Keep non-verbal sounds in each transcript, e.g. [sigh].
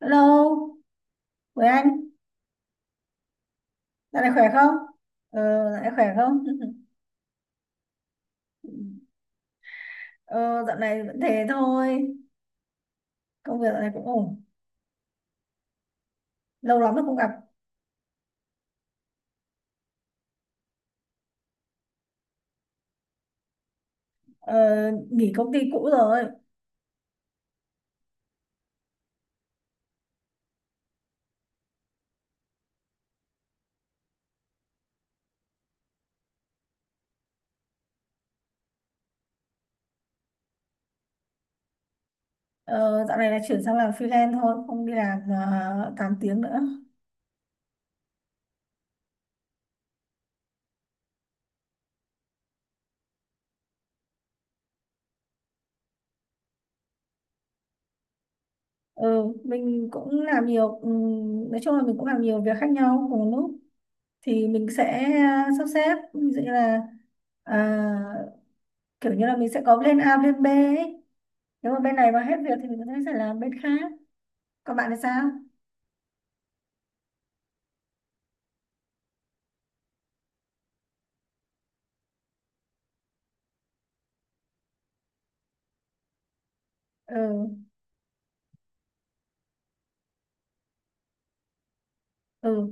Hello, với anh, dạo này khỏe không? Ờ, dạo này khỏe không? [laughs] Ờ, Dạo này vẫn thế thôi. Công việc dạo này cũng ổn, lâu lắm rồi không gặp. ờ, Nghỉ công ty cũ rồi. Ờ, Dạo này là chuyển sang làm freelance thôi, không đi làm 8 tiếng nữa. Ừ, mình cũng làm nhiều. Nói chung là mình cũng làm nhiều việc khác nhau cùng một lúc, thì mình sẽ sắp xếp, ví dụ như là à, kiểu như là mình sẽ có plan A, plan B ấy. Nếu mà bên này mà hết việc thì mình có thể sẽ làm bên khác. Còn bạn thì sao? Ừ, ừ.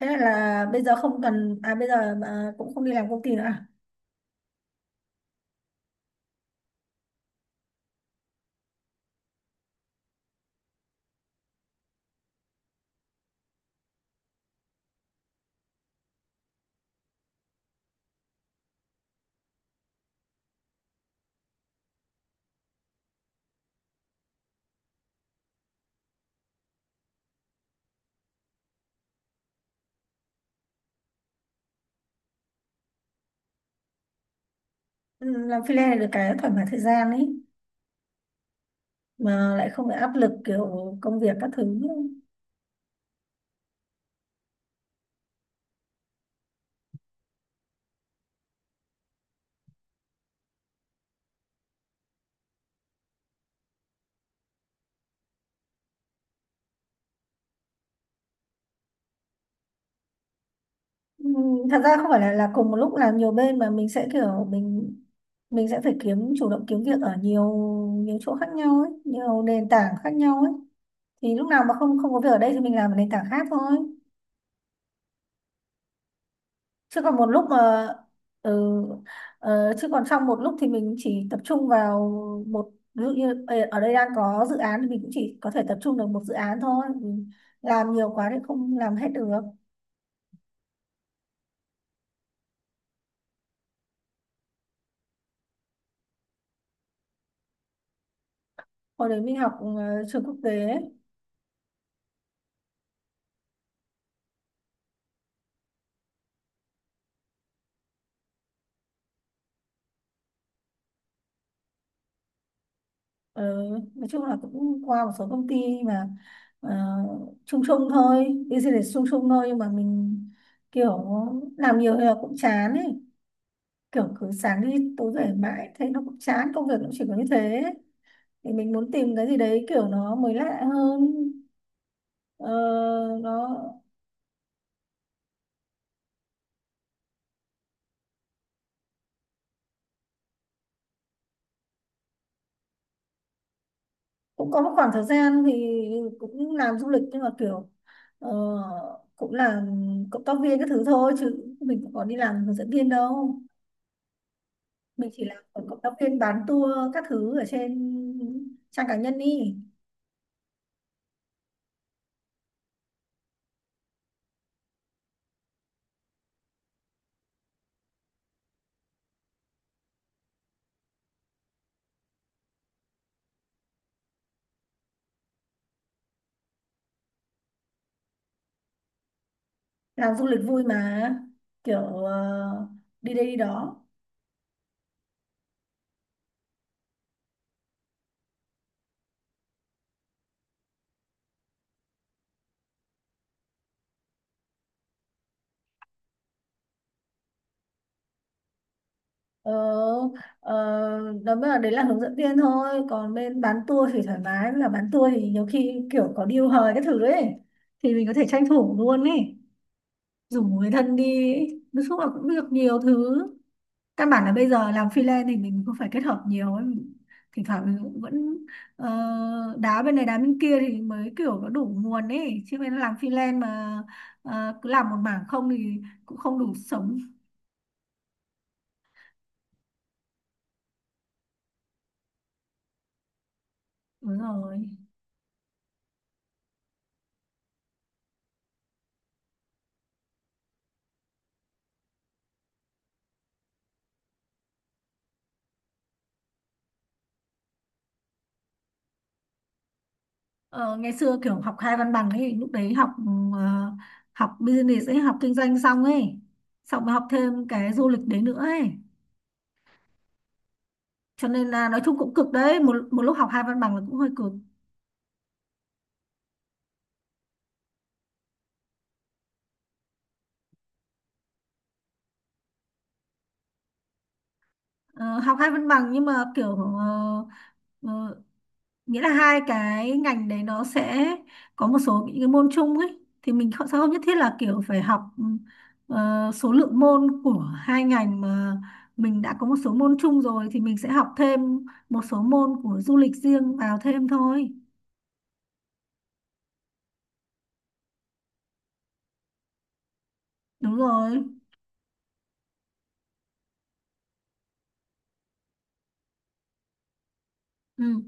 Thế là bây giờ không cần, à bây giờ à, cũng không đi làm công ty nữa à? Ừ, làm freelance là được cái thoải mái thời gian ấy, mà lại không bị áp lực kiểu công việc các thứ. Ừ, thật ra không phải là cùng một lúc làm nhiều bên mà mình sẽ kiểu mình sẽ phải kiếm, chủ động kiếm việc ở nhiều nhiều chỗ khác nhau ấy, nhiều nền tảng khác nhau ấy. Thì lúc nào mà không không có việc ở đây thì mình làm ở nền tảng khác thôi. chứ còn một lúc mà ừ, Chứ còn trong một lúc thì mình chỉ tập trung vào một, ví dụ như ở đây đang có dự án thì mình cũng chỉ có thể tập trung được một dự án thôi, mình làm nhiều quá thì không làm hết được. Hồi đấy mình học trường quốc tế ấy. Ờ, nói chung là cũng qua một số công ty mà ờ, chung chung thôi, business chung chung thôi, nhưng mà mình kiểu làm nhiều thì là cũng chán ấy, kiểu cứ sáng đi tối về mãi thấy nó cũng chán, công việc nó chỉ có như thế thì mình muốn tìm cái gì đấy kiểu nó mới lạ hơn. ờ, nó cũng có một khoảng thời gian thì cũng làm du lịch, nhưng mà kiểu ờ, cũng làm cộng tác viên các thứ thôi chứ mình cũng có đi làm hướng dẫn viên đâu. Mình chỉ làm ở cộng tác viên bán tour các thứ ở trên trang cá nhân đi. Làm du lịch vui mà, kiểu ờ, đi đây đi đó. Ờ, ờ, đó mới là, đấy là hướng dẫn viên thôi, còn bên bán tour thì thoải mái, là bán tour thì nhiều khi kiểu có deal hời cái thứ ấy thì mình có thể tranh thủ luôn ấy, rủ người thân đi ấy. Nói chung là cũng được nhiều thứ, căn bản là bây giờ làm freelance thì mình cũng phải kết hợp nhiều ấy. Thỉnh thoảng mình cũng vẫn ờ, đá bên này đá bên kia thì mới kiểu có đủ nguồn ấy, chứ bên làm freelance mà cứ làm một mảng không thì cũng không đủ sống. Đúng rồi. Ờ, Ngày xưa kiểu học hai văn bằng ấy, lúc đấy ờ, học business ấy, học kinh doanh xong ấy, xong mới học thêm cái du lịch đấy nữa ấy, cho nên là nói chung cũng cực đấy, một một lúc học hai văn bằng là cũng hơi cực. Ờ, Học hai văn bằng, nhưng mà kiểu ờ, nghĩa là hai cái ngành đấy nó sẽ có một số những cái môn chung ấy, thì mình không sao, không nhất thiết là kiểu phải học số lượng môn của hai ngành, mà mình đã có một số môn chung rồi thì mình sẽ học thêm một số môn của du lịch riêng vào thêm thôi. Đúng rồi. Ừ,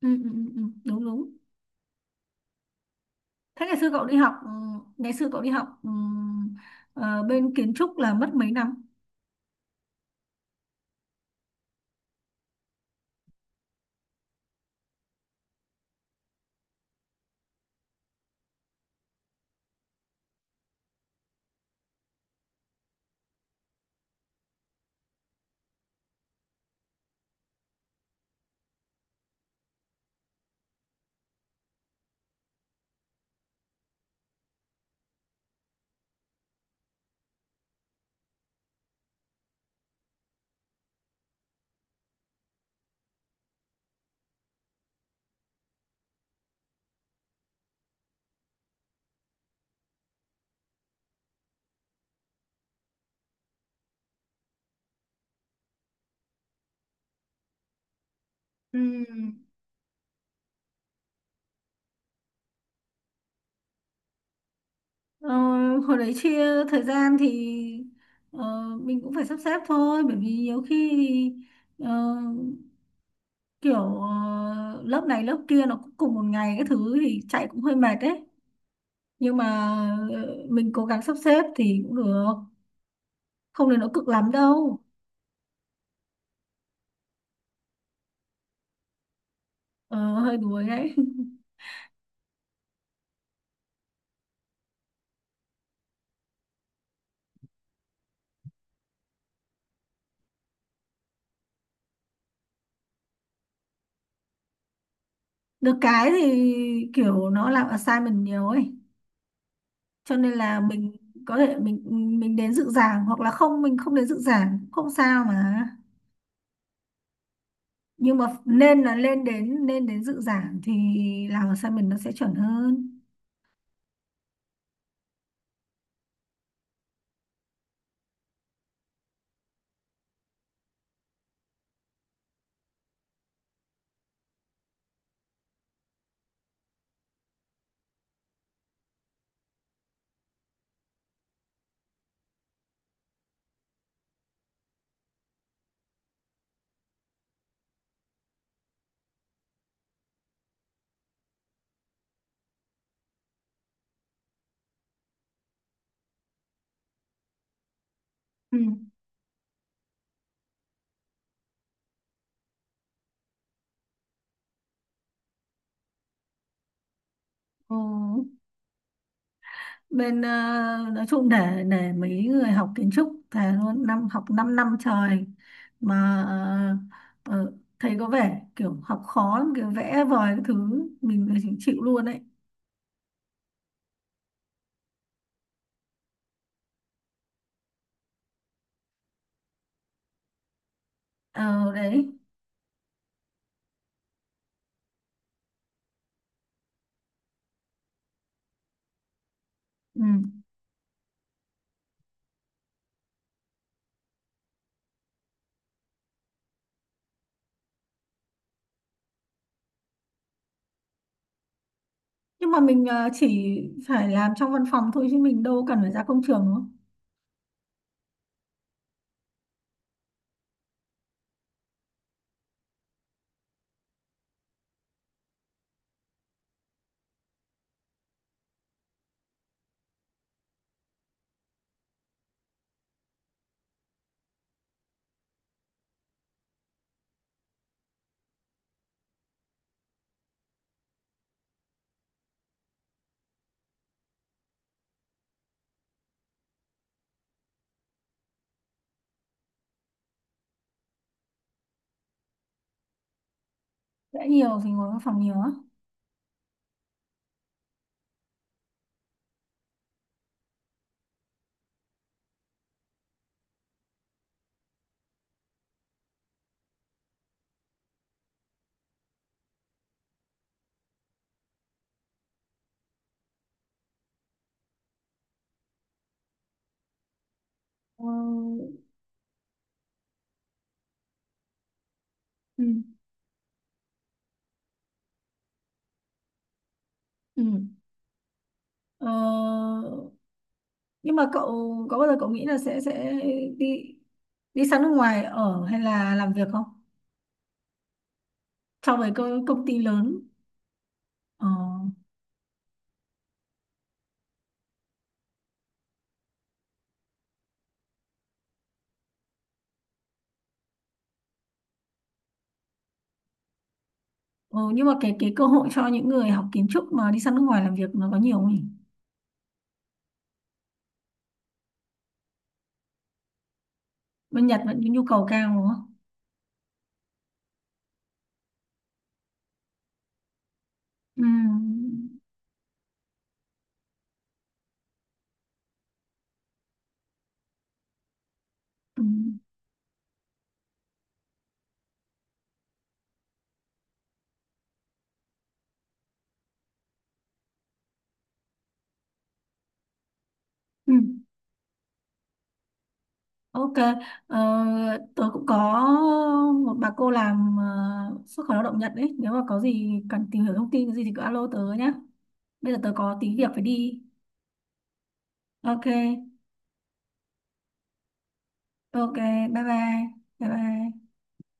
ừ, ừ, ừ, ừ, đúng đúng. Thế ngày xưa cậu đi học ờ, bên kiến trúc là mất mấy năm? Ừ. Ờ, hồi đấy chia thời gian thì ờ, mình cũng phải sắp xếp thôi, bởi vì nhiều khi thì, kiểu lớp này lớp kia nó cũng cùng một ngày cái thứ thì chạy cũng hơi mệt đấy, nhưng mà mình cố gắng sắp xếp thì cũng được, không đến nỗi cực lắm đâu. Ờ, hơi đuối đấy. [laughs] Được cái thì kiểu nó làm assignment nhiều ấy, cho nên là mình có thể mình đến dự giảng, hoặc là không, mình không đến dự giảng cũng không sao mà. Nhưng mà nên là lên đến dự giảng thì làm assignment nó sẽ chuẩn hơn. Ừ. Ừ. bên ờ, nói chung, để mấy người học kiến trúc thề luôn, năm học 5 năm năm trời mà ờ, ờ, thấy có vẻ kiểu học khó lắm, kiểu vẽ vời cái thứ, mình là chỉ chịu luôn đấy. Ờ đấy. Ừ. Nhưng mà mình chỉ phải làm trong văn phòng thôi chứ mình đâu cần phải ra công trường, đúng không? Vẽ nhiều thì ngồi văn phòng nhiều á. Ờ, ừ. Ừ. Ờ, nhưng mà cậu có bao giờ cậu nghĩ là sẽ đi đi sang nước ngoài ở hay là làm việc không? So với công ty lớn. Ờ. Ừ, nhưng mà cái cơ hội cho những người học kiến trúc mà đi sang nước ngoài làm việc nó có nhiều không nhỉ? Bên Nhật vẫn nhu cầu cao, đúng không? Ừ. Ừ. Ừ. OK. Ờ, Tớ cũng có một bà cô làm xuất khẩu lao động Nhật đấy. Nếu mà có gì cần tìm hiểu thông tin cái gì thì cứ alo tớ nhé. Bây giờ tớ có tí việc phải đi. OK. OK, bye bye. Bye bye.